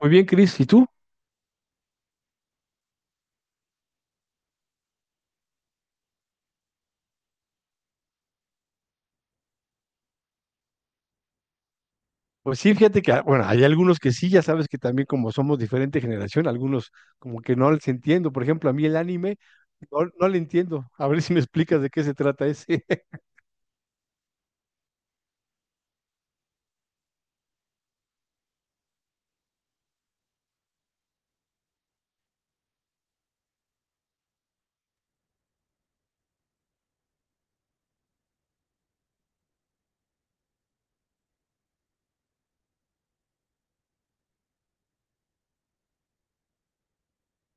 Muy bien, Cris. ¿Y tú? Pues sí, fíjate que, hay algunos que sí, ya sabes que también como somos diferente generación, algunos como que no les entiendo. Por ejemplo, a mí el anime no le entiendo. A ver si me explicas de qué se trata ese.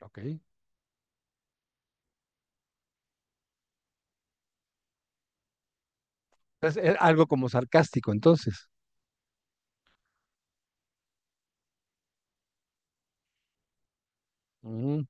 Ok. Es algo como sarcástico, entonces. Mm.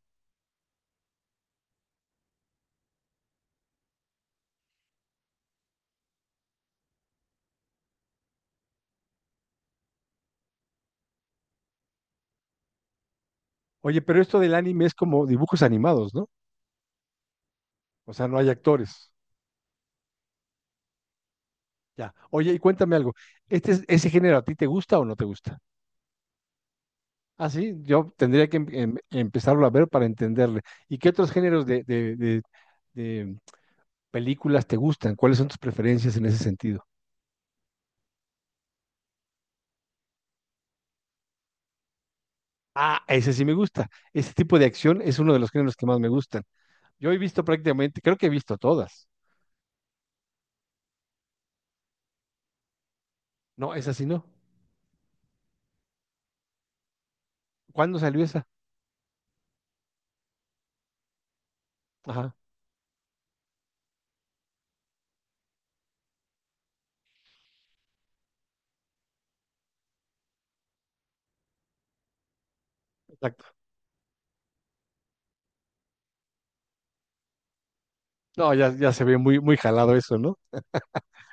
Oye, pero esto del anime es como dibujos animados, ¿no? O sea, no hay actores. Ya. Oye, y cuéntame algo. Ese género a ti te gusta o no te gusta? Ah, sí, yo tendría que empezarlo a ver para entenderle. ¿Y qué otros géneros de películas te gustan? ¿Cuáles son tus preferencias en ese sentido? Ah, ese sí me gusta. Ese tipo de acción es uno de los géneros que más me gustan. Yo he visto prácticamente, creo que he visto todas. No, esa sí no. ¿Cuándo salió esa? Ajá, exacto. No, ya, ya se ve muy, muy jalado eso, ¿no?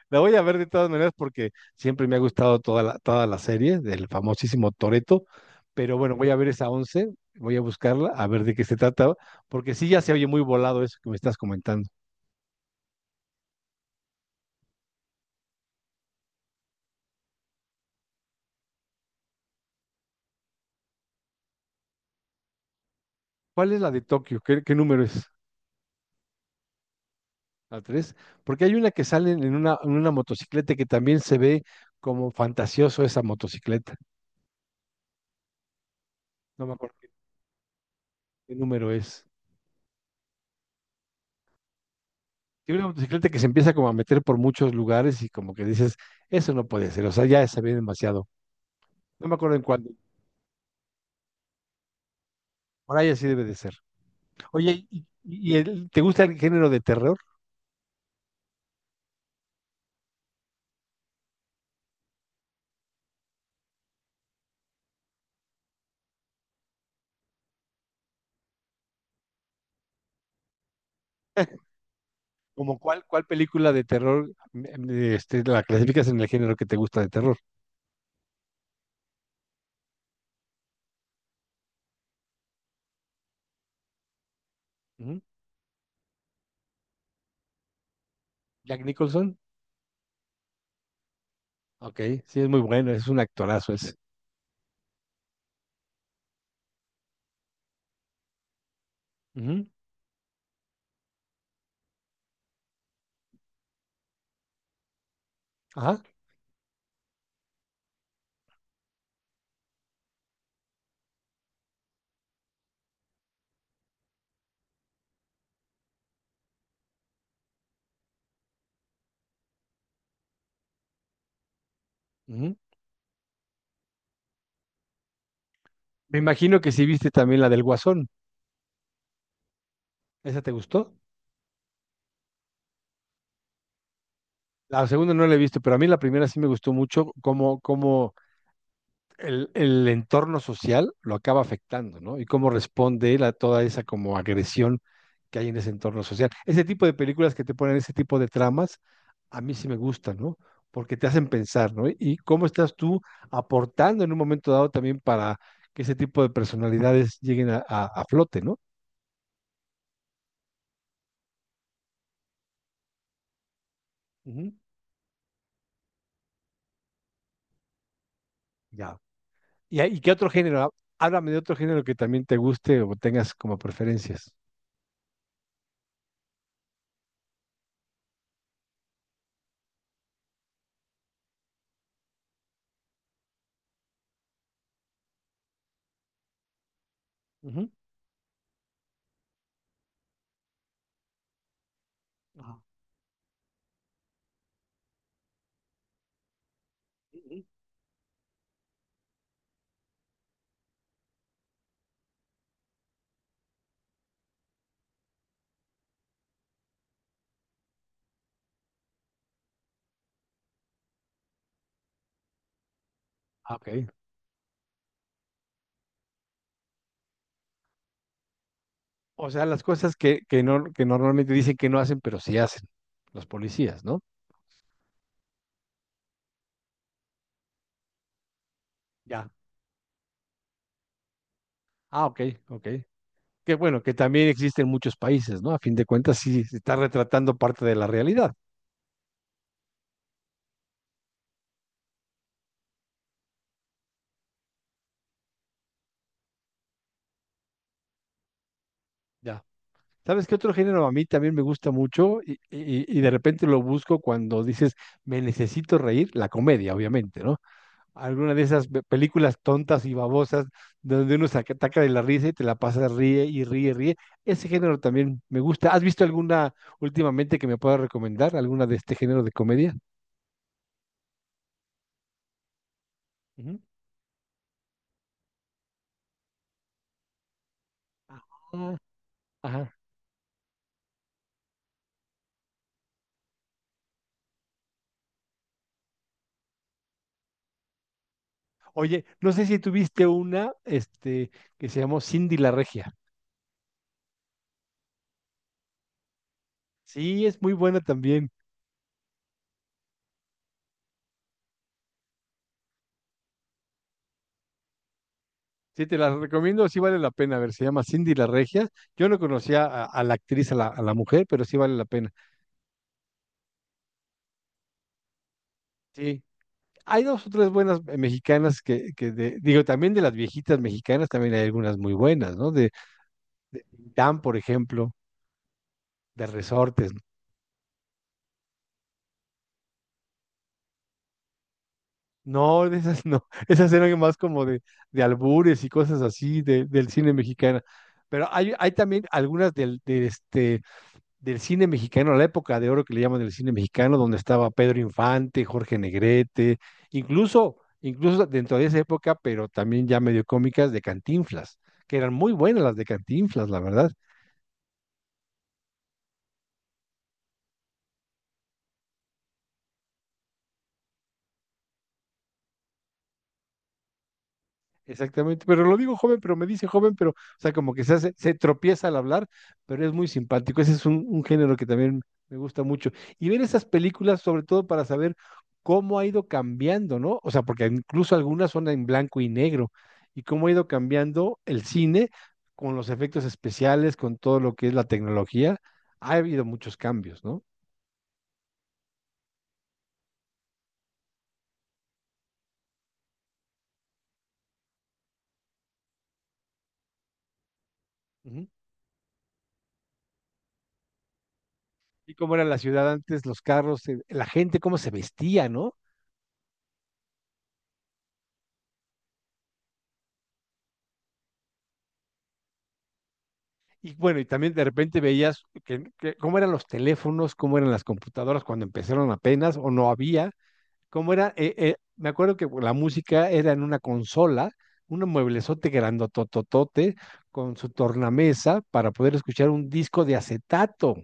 La voy a ver de todas maneras porque siempre me ha gustado toda la serie del famosísimo Toreto, pero bueno, voy a ver esa 11, voy a buscarla, a ver de qué se trata, porque sí ya se oye muy volado eso que me estás comentando. ¿Cuál es la de Tokio? Qué número es? A tres, porque hay una que sale en una motocicleta que también se ve como fantasioso esa motocicleta. No me acuerdo qué número es. Tiene una motocicleta que se empieza como a meter por muchos lugares y como que dices, eso no puede ser, o sea, ya se ve demasiado. No me acuerdo en cuándo. Por ahí así debe de ser. Oye, ¿ te gusta el género de terror? ¿Como cuál película de terror la clasificas en el género que te gusta de terror? Ujú. ¿Jack Nicholson? Ok, sí, es muy bueno, es un actorazo ese. Ujú. Ajá. Ujú. Me imagino que sí viste también la del Guasón. ¿Esa te gustó? La segunda no la he visto, pero a mí la primera sí me gustó mucho cómo el entorno social lo acaba afectando, ¿no? Y cómo responde él a toda esa como agresión que hay en ese entorno social. Ese tipo de películas que te ponen ese tipo de tramas, a mí sí me gustan, ¿no? Porque te hacen pensar, ¿no? Y cómo estás tú aportando en un momento dado también para que ese tipo de personalidades lleguen a, a flote, ¿no? Ujú. Ya. Y qué otro género? Háblame de otro género que también te guste o tengas como preferencias. Ujú. Ajá. Ujú. Ah, ok. O sea, las cosas que, no, que normalmente dicen que no hacen, pero sí hacen los policías, ¿no? Ya. Ah, ok, ok. Que bueno, que también existe en muchos países, ¿no? A fin de cuentas, sí se está retratando parte de la realidad. Ya. ¿Sabes qué otro género a mí también me gusta mucho y de repente lo busco cuando dices, me necesito reír? La comedia, obviamente, ¿no? Alguna de esas películas tontas y babosas donde uno se ataca de la risa y te la pasa ríe y ríe, ríe. Ese género también me gusta. ¿Has visto alguna últimamente que me pueda recomendar? ¿Alguna de este género de comedia? Ujú. Ah. Ajá. Oye, no sé si tuviste una, este, que se llamó Cindy la Regia. Sí, es muy buena también. Sí, te la recomiendo, sí vale la pena. A ver, se llama Cindy la Regia. Yo no conocía a la actriz, a la mujer, pero sí vale la pena. Sí, hay dos o tres buenas mexicanas que digo, también de las viejitas mexicanas también hay algunas muy buenas, ¿no? De Dan, por ejemplo, de Resortes. No, de esas no. Esas eran más como de albures y cosas así del cine mexicano. Pero hay también algunas del, de este, del cine mexicano, la época de oro que le llaman del cine mexicano, donde estaba Pedro Infante, Jorge Negrete, incluso dentro de esa época, pero también ya medio cómicas de Cantinflas, que eran muy buenas las de Cantinflas, la verdad. Exactamente, pero lo digo joven, pero me dice joven, pero, o sea, como que se hace, se tropieza al hablar, pero es muy simpático. Ese es un género que también me gusta mucho. Y ver esas películas, sobre todo para saber cómo ha ido cambiando, ¿no? O sea, porque incluso algunas son en blanco y negro, y cómo ha ido cambiando el cine con los efectos especiales, con todo lo que es la tecnología. Ha habido muchos cambios, ¿no? Ujú. Y cómo era la ciudad antes, los carros, la gente, cómo se vestía, ¿no? Y bueno, y también de repente veías que cómo eran los teléfonos, cómo eran las computadoras cuando empezaron apenas o no había, cómo era, me acuerdo que la música era en una consola, un mueblezote grandotototote con su tornamesa para poder escuchar un disco de acetato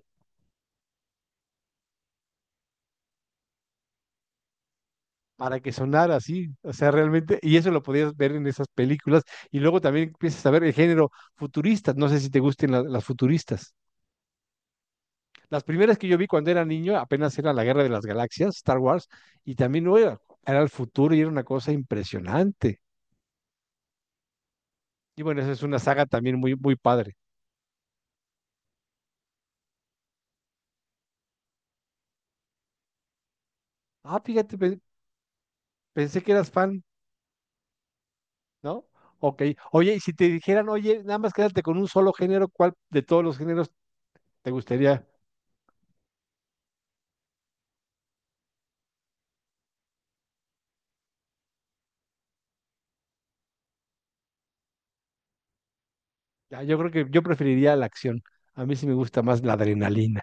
para que sonara así, o sea, realmente, y eso lo podías ver en esas películas, y luego también empiezas a ver el género futurista, no sé si te gusten las futuristas. Las primeras que yo vi cuando era niño apenas era la Guerra de las Galaxias, Star Wars, y también no era, era el futuro y era una cosa impresionante. Y bueno, esa es una saga también muy, muy padre. Ah, fíjate, pensé que eras fan, ¿no? Ok. Oye, y si te dijeran, oye, nada más quédate con un solo género, ¿cuál de todos los géneros te gustaría? Ah, yo creo que yo preferiría la acción. A mí sí me gusta más la adrenalina.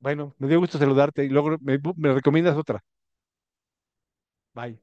Bueno, me dio gusto saludarte y luego me recomiendas otra. Bye.